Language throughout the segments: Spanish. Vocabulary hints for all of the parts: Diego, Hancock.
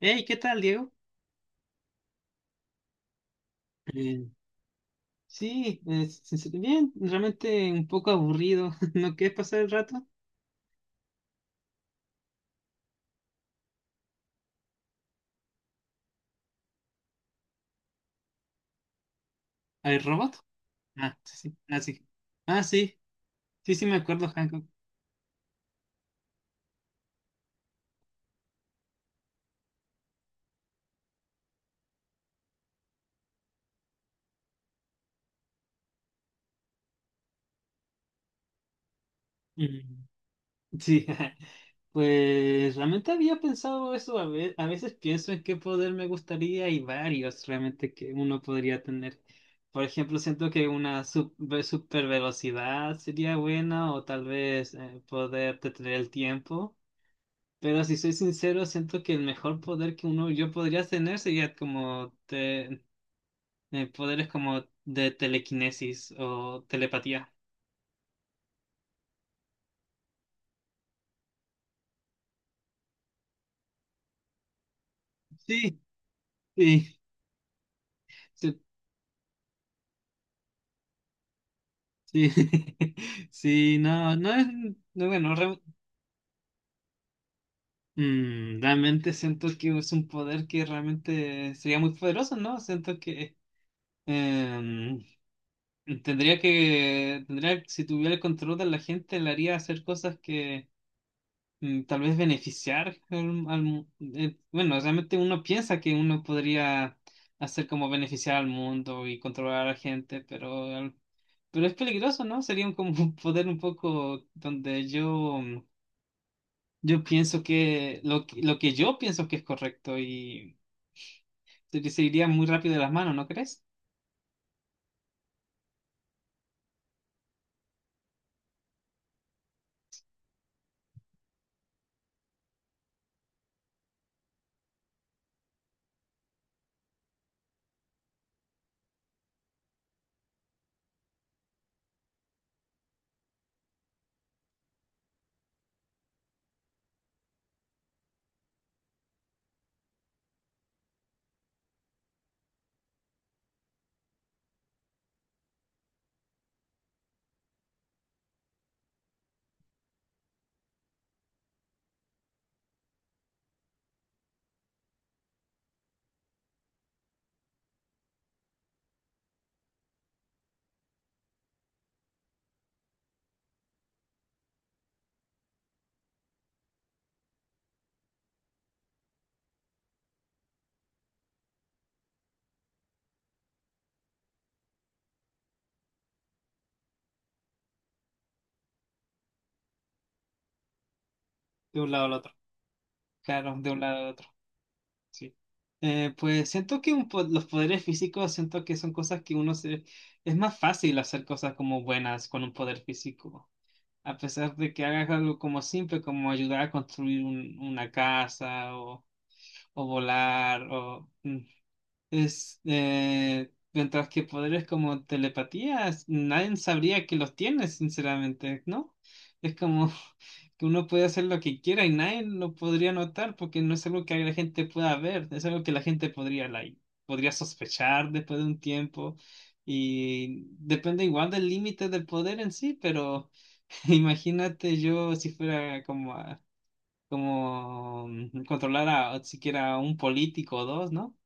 Hey, ¿qué tal, Diego? Eh, sí, bien, realmente un poco aburrido. ¿No quieres pasar el rato? ¿Al robot? Ah, sí, sí, ah, sí. Ah, sí, sí, sí, me acuerdo, Hancock. Mm, Sí. Pues realmente había pensado eso. A veces pienso en qué poder me gustaría y varios realmente que uno podría tener. Por ejemplo, siento que una super velocidad sería buena o tal vez poder detener el tiempo. Pero si soy sincero, siento que el mejor poder que uno yo podría tener sería como poderes como de telequinesis o telepatía. Sí, sí, sí, sí. Sí, no, no es, no, bueno, re- mm, realmente siento que es un poder que realmente sería muy poderoso, ¿no? Siento que em, tendría, si tuviera el control de la gente, le haría hacer cosas que mm, tal vez beneficiar al- al mu- bueno, realmente uno piensa que uno podría hacer como beneficiar al mundo y controlar a la gente, pero es peligroso, ¿no? Como un poder un poco donde yo pienso que yo pienso que es correcto y se iría muy rápido de las manos, ¿no crees? De un lado al otro. Claro, de un lado al otro. Sí. Pues siento que los poderes físicos, siento que son cosas que uno se... Es más fácil hacer cosas como buenas con un poder físico, a pesar de que hagas algo como simple, como ayudar a construir una casa o volar mientras que poderes como telepatías, nadie sabría que los tiene, sinceramente, ¿no? Es como que uno puede hacer lo que quiera y nadie lo podría notar porque no es algo que la gente pueda ver, es algo que la gente podría, like, podría sospechar después de un tiempo y depende igual del límite del poder en sí, pero imagínate yo si fuera como controlar a siquiera a un político o dos, ¿no?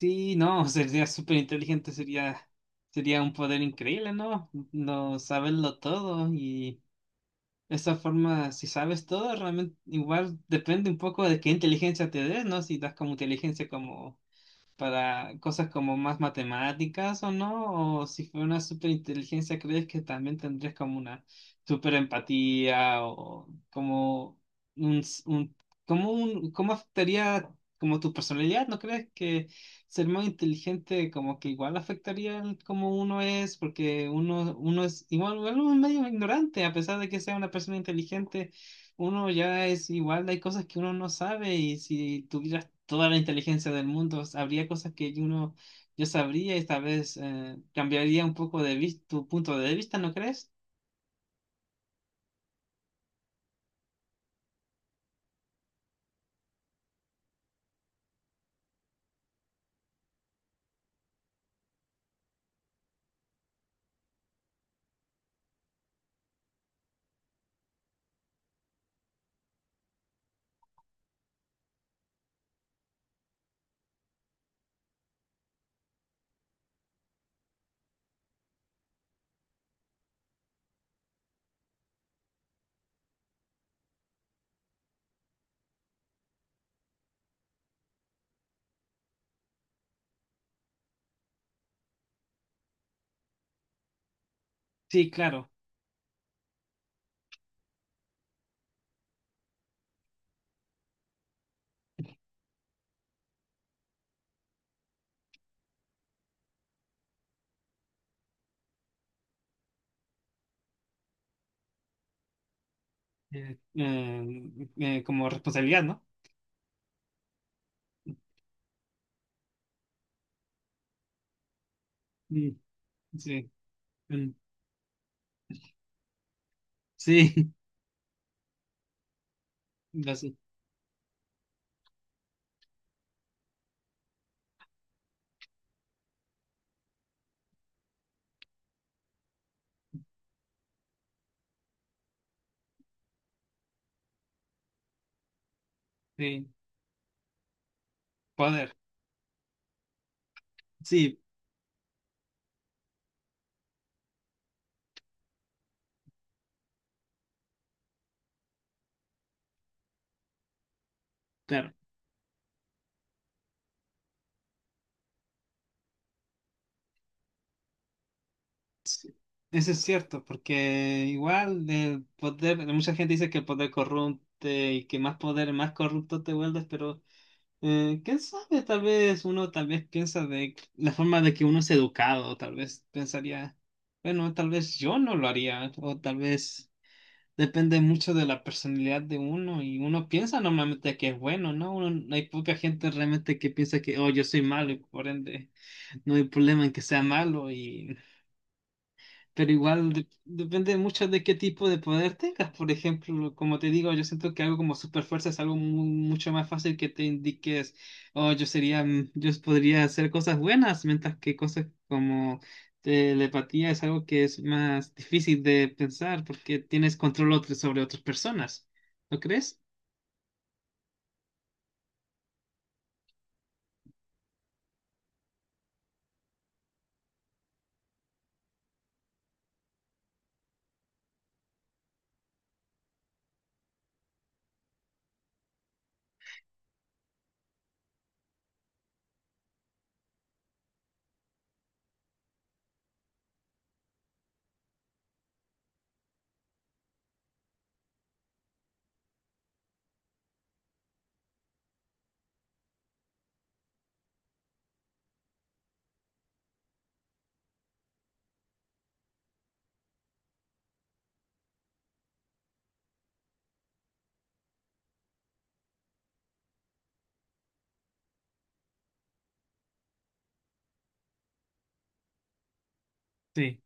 Sí, no, sería súper inteligente, sería un poder increíble, ¿no? No saberlo todo y esa forma, si sabes todo, realmente igual depende un poco de qué inteligencia te des, ¿no? Si das como inteligencia como para cosas como más matemáticas o no, o si fuera una superinteligencia, ¿crees que también tendrías como una superempatía o como un, s- un- como un, cómo afectaría como tu personalidad? ¿No crees que ser muy inteligente como que igual afectaría el cómo uno es? Porque uno es igual, igual uno es medio ignorante, a pesar de que sea una persona inteligente, uno ya es igual, hay cosas que uno no sabe y si tuvieras toda la inteligencia del mundo, habría cosas que uno yo sabría y tal vez cambiaría un poco de tu punto de vista, ¿no crees? Sí, claro. eh, eh, Como responsabilidad, ¿no? Mm, sí. Mm, sí. Lo sé. Sí, poder. Sí, claro. Sí. Eso es cierto, porque igual el poder, mucha gente dice que el poder corrompe y que más poder, más corrupto te vuelves, pero ¿quién sabe? Tal vez uno tal vez piensa de la forma de que uno es educado, tal vez pensaría, bueno, tal vez yo no lo haría, o tal vez depende mucho de la personalidad de uno y uno piensa normalmente que es bueno, ¿no? Uno- hay poca gente realmente que piensa que, oh, yo soy malo y por ende no hay problema en que sea malo, pero igual depende mucho de qué tipo de poder tengas. Por ejemplo, como te digo, yo siento que algo como super fuerza es algo mucho más fácil que te indiques, oh, yo podría hacer cosas buenas, mientras que cosas como telepatía es algo que es más difícil de pensar porque tienes control sobre otras personas. ¿No crees? Sí.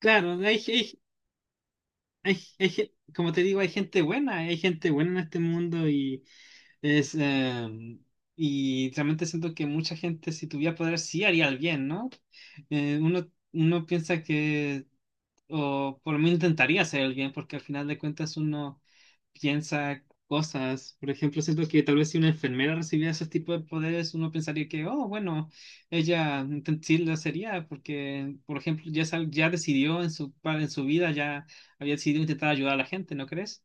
Claro, hay como te digo, hay gente buena en este mundo y es y realmente siento que mucha gente si tuviera poder sí haría el bien, ¿no? Eh, uno, Uno piensa que, o por lo menos intentaría hacer el bien, porque al final de cuentas uno piensa cosas. Por ejemplo, siento que tal vez si una enfermera recibiera ese tipo de poderes, uno pensaría que, oh, bueno, ella sí lo sería, porque, por ejemplo, ya, ya decidió en su, en su vida, ya había decidido intentar ayudar a la gente, ¿no crees?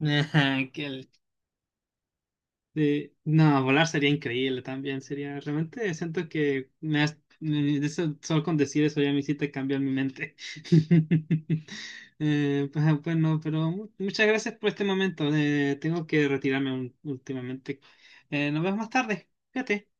Qué. Sí, no, volar sería increíble también, sería realmente siento que me has- me- eso- solo con decir eso ya me hiciste cambiar mi mente. Bueno, pero muchas gracias por este momento. Tengo que retirarme últimamente. Nos vemos más tarde. Fíjate.